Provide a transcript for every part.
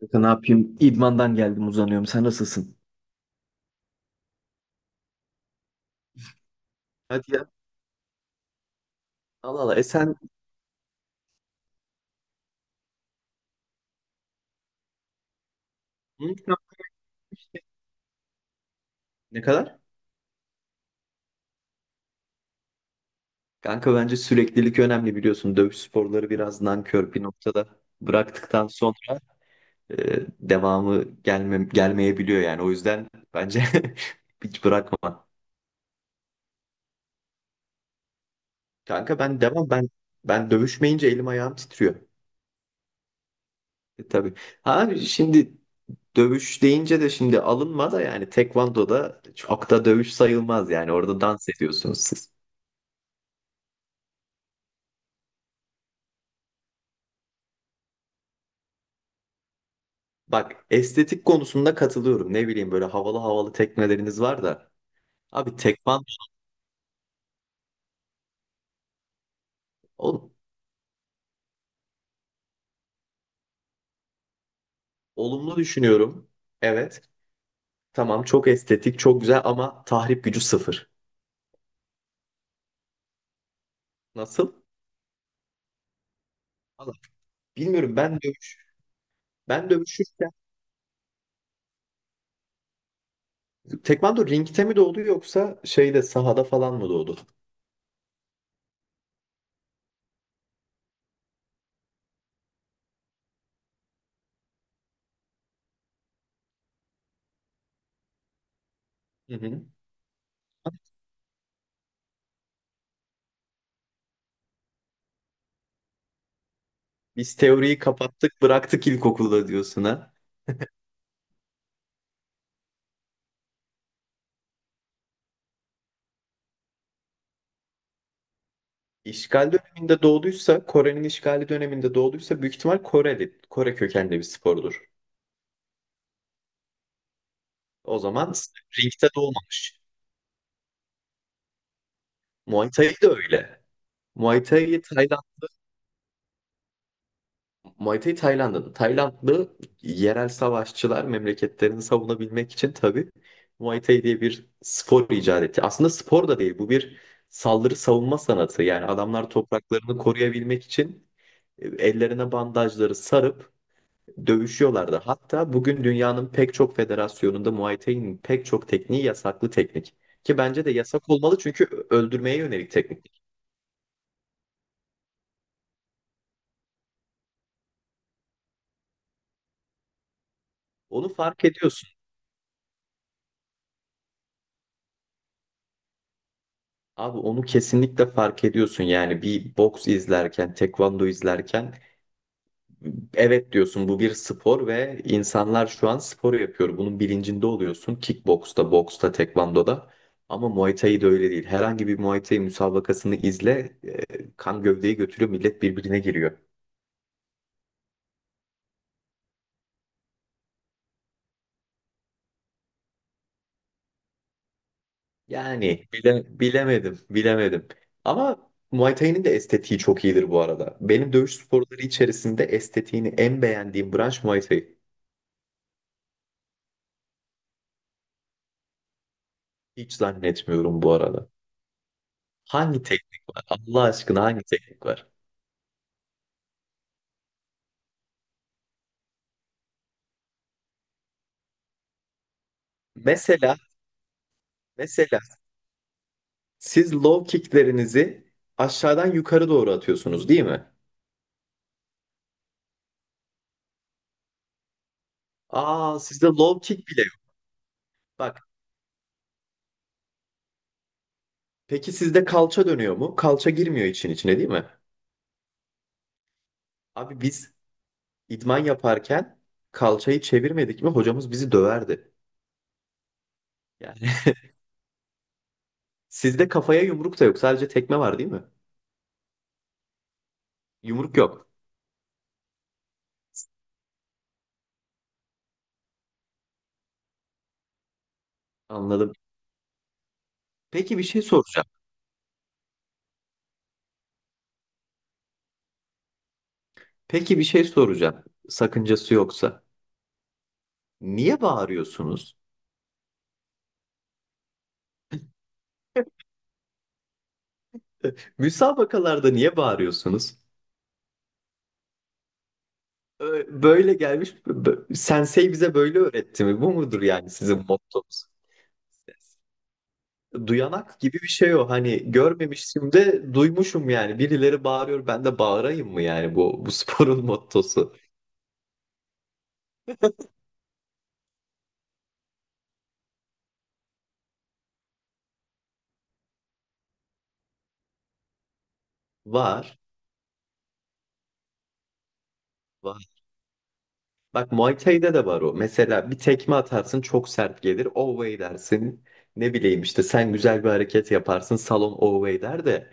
Kanka ne yapayım? İdmandan geldim, uzanıyorum. Sen nasılsın? Hadi ya. Allah Allah. E sen. Hı, tamam. Ne kadar? Kanka bence süreklilik önemli, biliyorsun. Dövüş sporları biraz nankör bir noktada. Bıraktıktan sonra devamı gelmeyebiliyor yani. O yüzden bence hiç bırakma. Kanka ben devam ben ben dövüşmeyince elim ayağım titriyor. E, tabii. Ha şimdi dövüş deyince de şimdi alınma da, yani tekvandoda çok da dövüş sayılmaz yani. Orada dans ediyorsunuz siz. Bak, estetik konusunda katılıyorum. Ne bileyim, böyle havalı havalı tekneleriniz var da. Abi tekman oğlum, olumlu düşünüyorum. Evet. Tamam, çok estetik, çok güzel ama tahrip gücü sıfır. Nasıl? Valla bilmiyorum, ben dövüş. Ben dövüşürken tekvando ringte mi doğdu, yoksa şeyde sahada falan mı doğdu? Hı hı. Biz teoriyi kapattık bıraktık ilkokulda diyorsun ha. İşgal döneminde doğduysa, Kore'nin işgali döneminde doğduysa büyük ihtimal Koreli, Kore kökenli bir spordur. O zaman ringte de olmamış. Muay Thai de öyle. Muay Thai Tayland, Muay Thai Tayland'ın. Taylandlı yerel savaşçılar memleketlerini savunabilmek için tabii Muay Thai diye bir spor icat etti. Aslında spor da değil bu, bir saldırı savunma sanatı. Yani adamlar topraklarını koruyabilmek için ellerine bandajları sarıp dövüşüyorlardı. Hatta bugün dünyanın pek çok federasyonunda Muay Thai'nin pek çok tekniği yasaklı teknik. Ki bence de yasak olmalı, çünkü öldürmeye yönelik teknik. Onu fark ediyorsun. Abi onu kesinlikle fark ediyorsun. Yani bir boks izlerken, tekvando izlerken evet diyorsun, bu bir spor ve insanlar şu an spor yapıyor. Bunun bilincinde oluyorsun. Kickboksta, boksta, tekvandoda. Ama Muay Thai de öyle değil. Herhangi bir Muay Thai müsabakasını izle, kan gövdeyi götürüyor, millet birbirine giriyor. Yani bilemedim, bilemedim. Ama Muay Thai'nin de estetiği çok iyidir bu arada. Benim dövüş sporları içerisinde estetiğini en beğendiğim branş Muay Thai. Hiç zannetmiyorum bu arada. Hangi teknik var? Allah aşkına hangi teknik var? Mesela, mesela siz low kicklerinizi aşağıdan yukarı doğru atıyorsunuz, değil mi? Aa, sizde low kick bile yok. Bak, peki sizde kalça dönüyor mu? Kalça girmiyor için içine, değil mi? Abi biz idman yaparken kalçayı çevirmedik mi hocamız bizi döverdi. Yani sizde kafaya yumruk da yok. Sadece tekme var, değil mi? Yumruk yok. Anladım. Peki bir şey soracağım. Peki bir şey soracağım. Sakıncası yoksa. Niye bağırıyorsunuz? Müsabakalarda niye bağırıyorsunuz? Böyle gelmiş, sensei bize böyle öğretti mi? Bu mudur yani sizin mottonuz? Duyanak gibi bir şey o. Hani görmemiştim de duymuşum yani. Birileri bağırıyor, ben de bağırayım mı yani bu, bu sporun mottosu. Var, var. Bak, Muay Thai'de de var o. Mesela bir tekme atarsın, çok sert gelir. Away dersin. Ne bileyim işte sen güzel bir hareket yaparsın, salon away der de.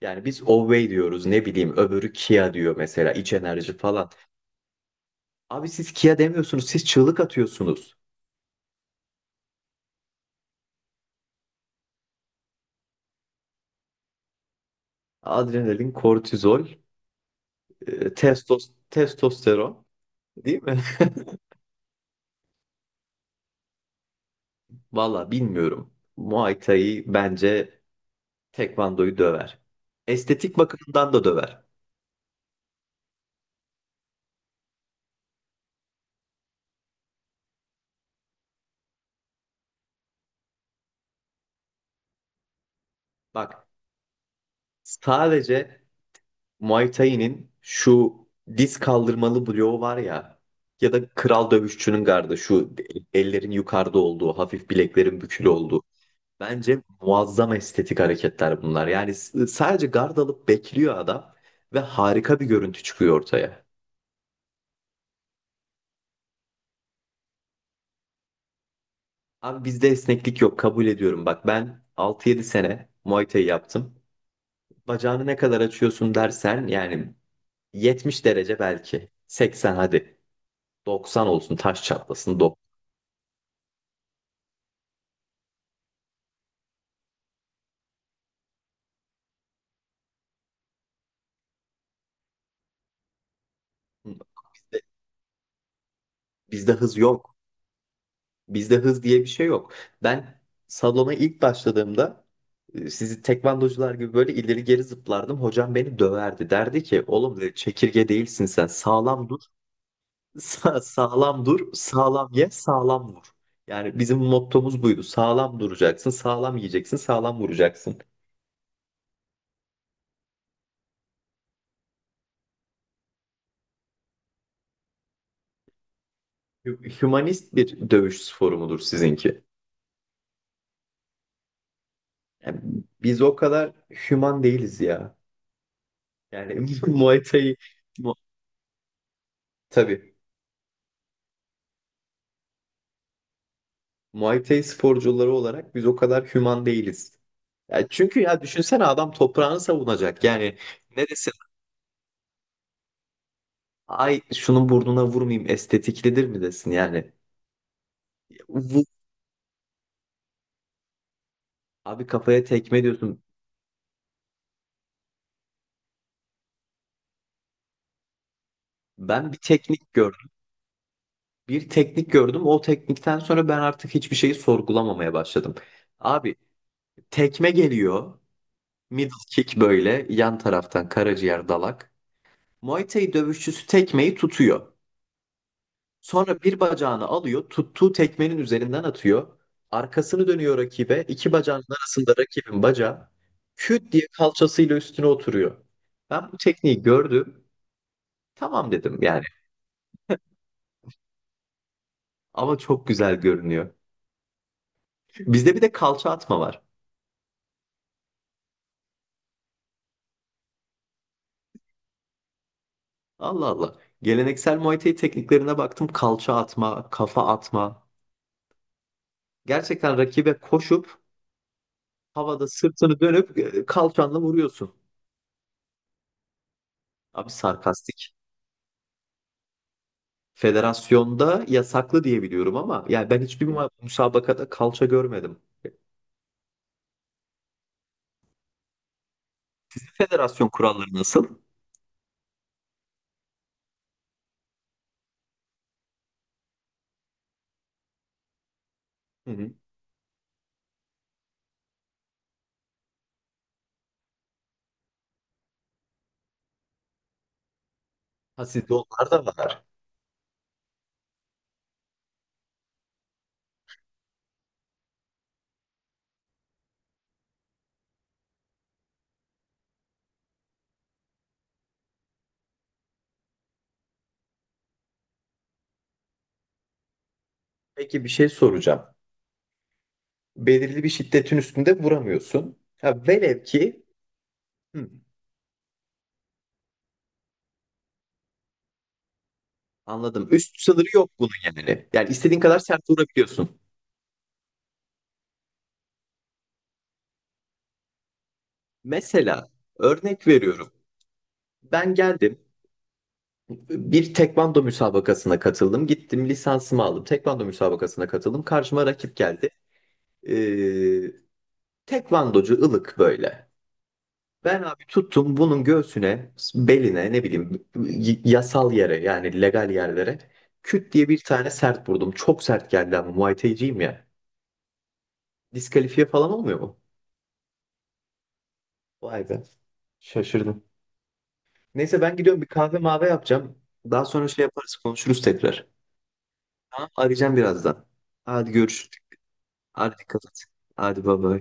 Yani biz Owey diyoruz, ne bileyim öbürü Kia diyor mesela, iç enerji falan. Abi siz Kia demiyorsunuz, siz çığlık atıyorsunuz. Adrenalin, kortizol, testosteron, değil mi? Valla bilmiyorum. Muay Thai bence Tekvando'yu döver. Estetik bakımından da döver. Bak, sadece Muay Thai'nin şu diz kaldırmalı bloğu var ya, ya da kral dövüşçünün gardı, şu ellerin yukarıda olduğu, hafif bileklerin bükülü olduğu. Bence muazzam estetik hareketler bunlar. Yani sadece gard alıp bekliyor adam ve harika bir görüntü çıkıyor ortaya. Abi bizde esneklik yok, kabul ediyorum. Bak, ben 6-7 sene Muay Thai yaptım. Bacağını ne kadar açıyorsun dersen yani 70 derece belki. 80 hadi. 90 olsun taş çatlasın. 90. Bizde, bizde hız yok. Bizde hız diye bir şey yok. Ben salona ilk başladığımda sizi tekvandocular gibi böyle ileri geri zıplardım. Hocam beni döverdi. Derdi ki, oğlum dedi, çekirge değilsin sen. Sağlam dur. Sağlam dur. Sağlam ye. Sağlam vur. Yani bizim mottomuz buydu. Sağlam duracaksın. Sağlam yiyeceksin. Sağlam vuracaksın. Hümanist bir dövüş sporu mudur sizinki? Yani biz o kadar hüman değiliz ya. Yani Muay Thai mu- tabii. Muay Thai sporcuları olarak biz o kadar hüman değiliz. Ya çünkü ya düşünsene, adam toprağını savunacak. Yani ne desin? Ay şunun burnuna vurmayayım estetiklidir mi desin yani? Vur. Abi kafaya tekme diyorsun. Ben bir teknik gördüm. Bir teknik gördüm. O teknikten sonra ben artık hiçbir şeyi sorgulamamaya başladım. Abi tekme geliyor. Middle kick böyle yan taraftan karaciğer dalak. Muay Thai dövüşçüsü tekmeyi tutuyor. Sonra bir bacağını alıyor, tuttuğu tekmenin üzerinden atıyor. Arkasını dönüyor rakibe. İki bacağının arasında rakibin bacağı, küt diye kalçasıyla üstüne oturuyor. Ben bu tekniği gördüm. Tamam dedim yani. Ama çok güzel görünüyor. Bizde bir de kalça atma var. Allah Allah. Geleneksel Muay Thai tekniklerine baktım. Kalça atma, kafa atma. Gerçekten rakibe koşup havada sırtını dönüp kalçanla vuruyorsun. Abi sarkastik. Federasyonda yasaklı diye biliyorum, ama yani ben hiçbir müsabakada kalça görmedim. Federasyon kuralları nasıl? Hı hı. Ha, sizde onlar da var. Peki bir şey soracağım. Belirli bir şiddetin üstünde vuramıyorsun. Ha, velev ki hı, anladım. Üst sınırı yok bunun yani. Yani istediğin kadar sert vurabiliyorsun. Mesela örnek veriyorum. Ben geldim, bir tekvando müsabakasına katıldım. Gittim lisansımı aldım. Tekvando müsabakasına katıldım. Karşıma rakip geldi. Ee, Tekvandocu ılık böyle. Ben abi tuttum bunun göğsüne, beline, ne bileyim yasal yere, yani legal yerlere küt diye bir tane sert vurdum. Çok sert geldi ama Muay Thai'ciyim ya. Diskalifiye falan olmuyor mu? Vay be. Şaşırdım. Neyse ben gidiyorum, bir kahve mavi yapacağım. Daha sonra şey yaparız, konuşuruz tekrar. Tamam, arayacağım birazdan. Hadi görüşürüz. Hadi dikkat et. Hadi baba.